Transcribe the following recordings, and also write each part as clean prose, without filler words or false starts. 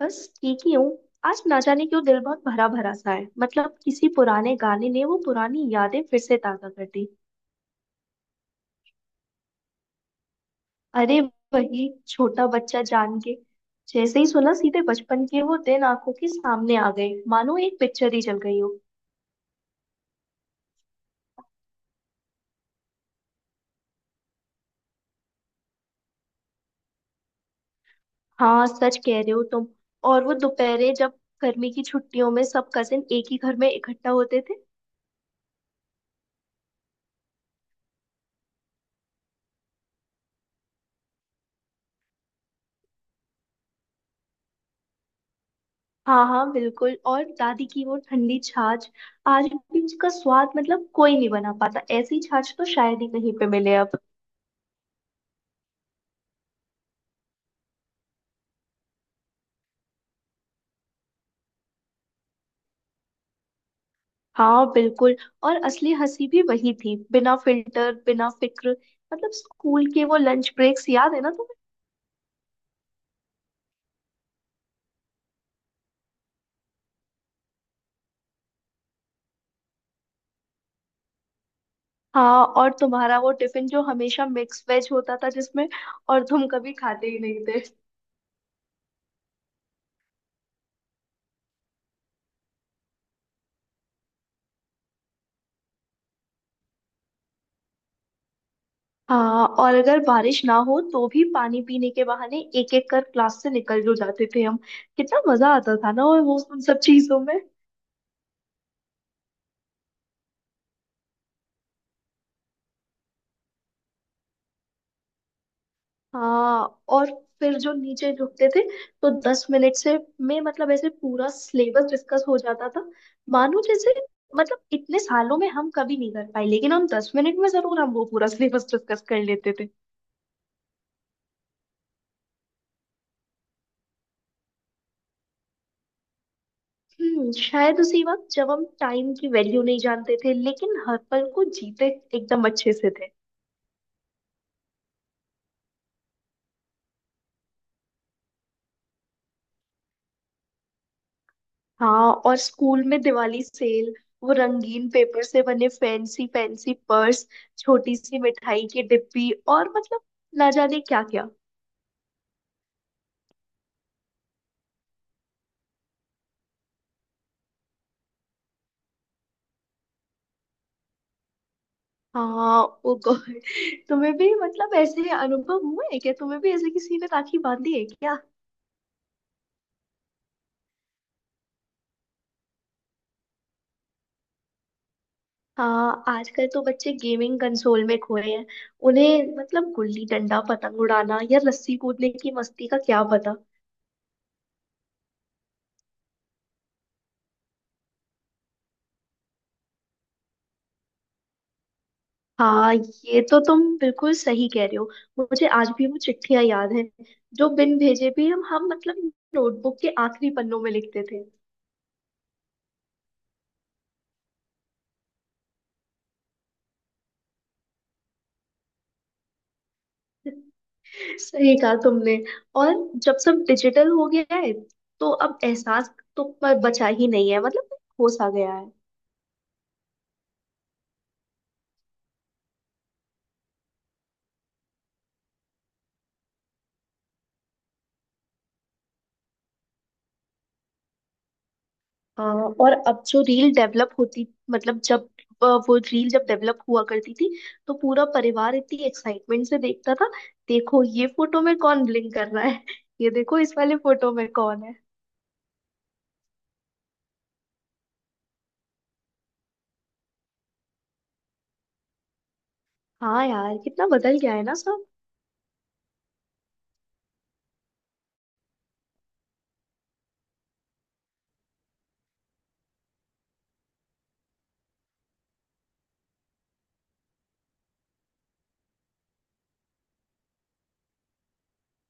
बस ठीक ही हूँ। आज ना जाने क्यों दिल बहुत भरा भरा सा है, मतलब किसी पुराने गाने ने वो पुरानी यादें फिर से ताजा कर दी। अरे, वही छोटा बच्चा जान के, जैसे ही सुना सीधे बचपन के वो दिन आंखों के सामने आ गए, मानो एक पिक्चर ही चल गई हो। हाँ सच कह रहे हो तुम। और वो दोपहरे जब गर्मी की छुट्टियों में सब कजिन एक ही घर में इकट्ठा होते थे। हाँ हाँ बिल्कुल, और दादी की वो ठंडी छाछ, आज भी उसका स्वाद, मतलब कोई नहीं बना पाता, ऐसी छाछ तो शायद ही कहीं पे मिले अब। हाँ बिल्कुल, और असली हंसी भी वही थी, बिना फिल्टर बिना फिक्र। मतलब स्कूल के वो लंच ब्रेक्स, याद है ना तुम्हें? हाँ, और तुम्हारा वो टिफिन जो हमेशा मिक्स वेज होता था जिसमें, और तुम कभी खाते ही नहीं थे। हाँ, और अगर बारिश ना हो तो भी पानी पीने के बहाने एक एक कर क्लास से निकल जो जाते थे हम। कितना मजा आता था ना वो उन सब चीजों में। हाँ, और फिर जो नीचे रुकते थे तो दस मिनट से में, मतलब ऐसे पूरा सिलेबस डिस्कस हो जाता था, मानो जैसे, मतलब इतने सालों में हम कभी नहीं कर पाए, लेकिन हम दस मिनट में जरूर हम वो पूरा सिलेबस डिस्कस कर लेते थे। शायद उसी वक्त, जब हम टाइम की वैल्यू नहीं जानते थे लेकिन हर पल को जीते एकदम अच्छे से थे। हाँ, और स्कूल में दिवाली सेल, वो रंगीन पेपर से बने फैंसी फैंसी पर्स, छोटी सी मिठाई की डिब्बी और मतलब ना जाने क्या क्या। हाँ ओ गॉड, तुम्हें भी मतलब ऐसे अनुभव हुआ है क्या? तुम्हें भी ऐसे किसी ने राखी बांधी है क्या? हाँ, आजकल तो बच्चे गेमिंग कंसोल में खोए हैं, उन्हें मतलब गुल्ली डंडा, पतंग उड़ाना या रस्सी कूदने की मस्ती का क्या पता। हाँ ये तो तुम बिल्कुल सही कह रहे हो। मुझे आज भी वो चिट्ठियां याद हैं जो बिन भेजे भी हम मतलब नोटबुक के आखिरी पन्नों में लिखते थे। सही कहा तुमने। और जब सब डिजिटल हो गया है तो अब एहसास तो बचा ही नहीं है, मतलब होश आ गया है। आ, और अब जो रील डेवलप होती, मतलब जब वो रील जब डेवलप हुआ करती थी तो पूरा परिवार इतनी एक्साइटमेंट से देखता था, देखो ये फोटो में कौन ब्लिंक कर रहा है, ये देखो इस वाले फोटो में कौन है। हाँ यार कितना बदल गया है ना सब।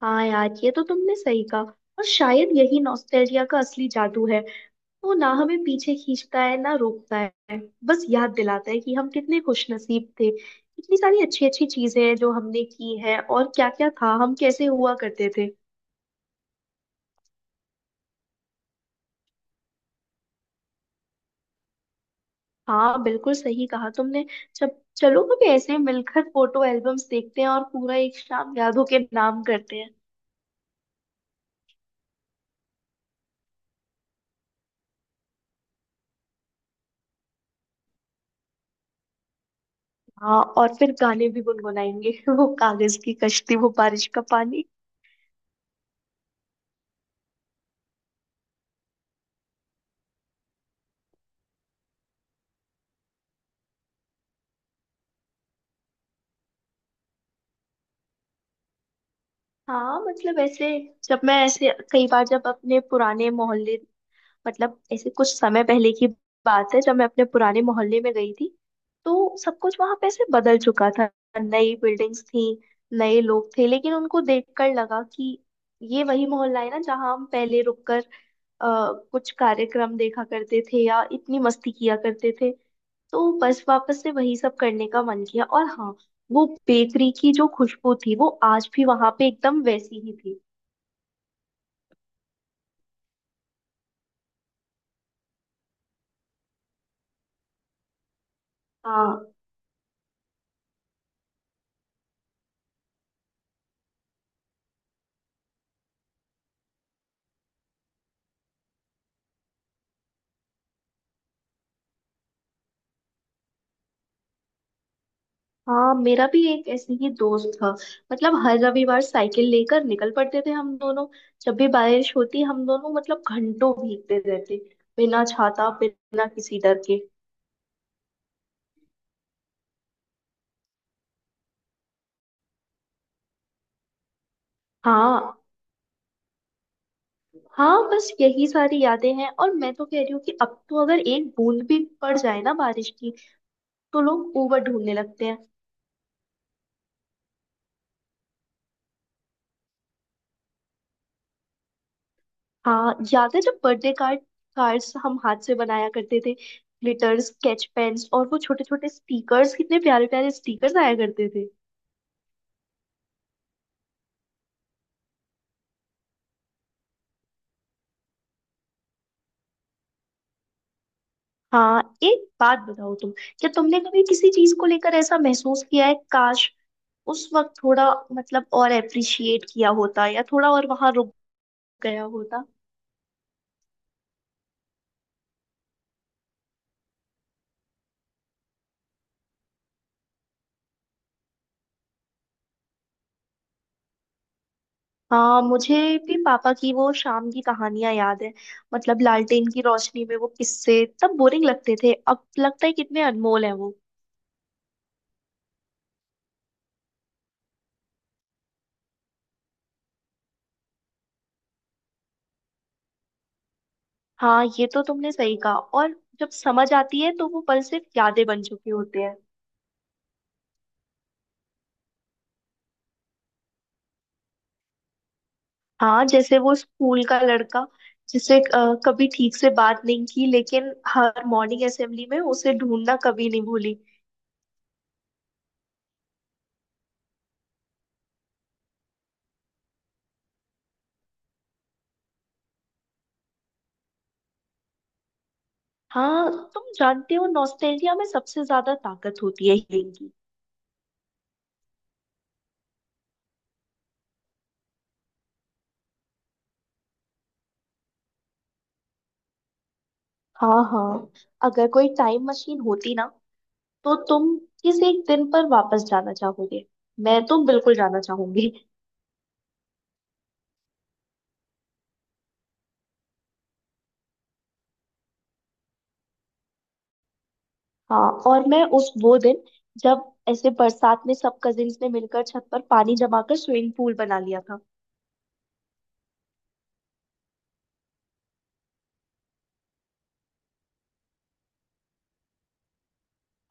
हाँ यार ये तो तुमने सही कहा। और शायद यही नॉस्टैल्जिया का असली जादू है, वो ना हमें पीछे खींचता है ना रोकता है, बस याद दिलाता है कि हम कितने खुश नसीब थे, इतनी सारी अच्छी अच्छी चीजें हैं जो हमने की है, और क्या क्या था, हम कैसे हुआ करते थे। हाँ बिल्कुल सही कहा तुमने। जब चलो कभी ऐसे मिलकर फोटो एल्बम्स देखते हैं और पूरा एक शाम यादों के नाम करते हैं। हाँ, और फिर गाने भी गुनगुनाएंगे वो कागज की कश्ती, वो बारिश का पानी। हाँ मतलब ऐसे, जब मैं ऐसे कई बार जब अपने पुराने मोहल्ले, मतलब ऐसे कुछ समय पहले की बात है, जब मैं अपने पुराने मोहल्ले में गई थी तो सब कुछ वहां पे ऐसे बदल चुका था, नई बिल्डिंग्स थी, नए लोग थे, लेकिन उनको देखकर लगा कि ये वही मोहल्ला है ना, जहाँ हम पहले रुककर कुछ कार्यक्रम देखा करते थे या इतनी मस्ती किया करते थे, तो बस वापस से वही सब करने का मन किया। और हाँ, वो बेकरी की जो खुशबू थी वो आज भी वहां पे एकदम वैसी ही थी। हाँ। हाँ मेरा भी एक ऐसे ही दोस्त था, मतलब हर रविवार साइकिल लेकर निकल पड़ते थे हम दोनों, जब भी बारिश होती हम दोनों मतलब घंटों भीगते रहते, बिना छाता बिना किसी डर के। हाँ। हाँ बस यही सारी यादें हैं, और मैं तो कह रही हूँ कि अब तो अगर एक बूंद भी पड़ जाए ना बारिश की, तो लोग ऊबर ढूंढने लगते हैं। हाँ याद है जब बर्थडे कार्ड्स हम हाथ से बनाया करते थे, ग्लिटर्स, स्केच पेन्स और वो छोटे छोटे स्टिकर्स, कितने प्यारे प्यारे स्टिकर्स आया करते थे। हाँ एक बात बताओ तुम, क्या तुमने कभी किसी चीज को लेकर ऐसा महसूस किया है, काश उस वक्त थोड़ा, मतलब और अप्रिशिएट किया होता, या थोड़ा और वहां रुक गया होता। हाँ मुझे भी पापा की वो शाम की कहानियां याद है, मतलब लालटेन की रोशनी में वो किस्से तब बोरिंग लगते थे, अब लगता है कितने अनमोल है वो। हाँ ये तो तुमने सही कहा, और जब समझ आती है तो वो पल सिर्फ यादें बन चुके होते हैं। हाँ जैसे वो स्कूल का लड़का, जिसे कभी ठीक से बात नहीं की, लेकिन हर मॉर्निंग असेंबली में उसे ढूंढना कभी नहीं भूली। हाँ तुम जानते हो नॉस्टैल्जिया में सबसे ज्यादा ताकत होती है हीलिंग की। हाँ हाँ, अगर कोई टाइम मशीन होती ना, तो तुम किस एक दिन पर वापस जाना चाहोगे? मैं तो बिल्कुल जाना चाहूंगी। हाँ, और मैं उस वो दिन, जब ऐसे बरसात में सब कजिन्स ने मिलकर छत पर पानी जमा कर स्विमिंग पूल बना लिया था।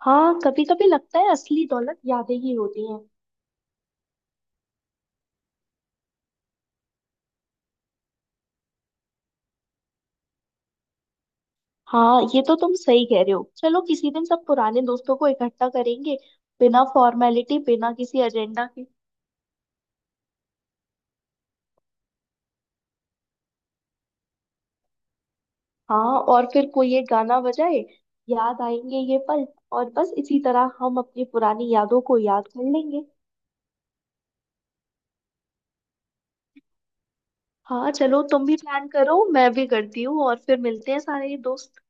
हाँ कभी कभी लगता है असली दौलत यादें ही होती हैं। हाँ ये तो तुम सही कह रहे हो, चलो किसी दिन सब पुराने दोस्तों को इकट्ठा करेंगे, बिना फॉर्मेलिटी बिना किसी एजेंडा के। हाँ और फिर कोई एक गाना बजाए, याद आएंगे ये पल, और बस इसी तरह हम अपनी पुरानी यादों को याद कर लेंगे। हाँ चलो तुम भी प्लान करो, मैं भी करती हूँ, और फिर मिलते हैं सारे दोस्त।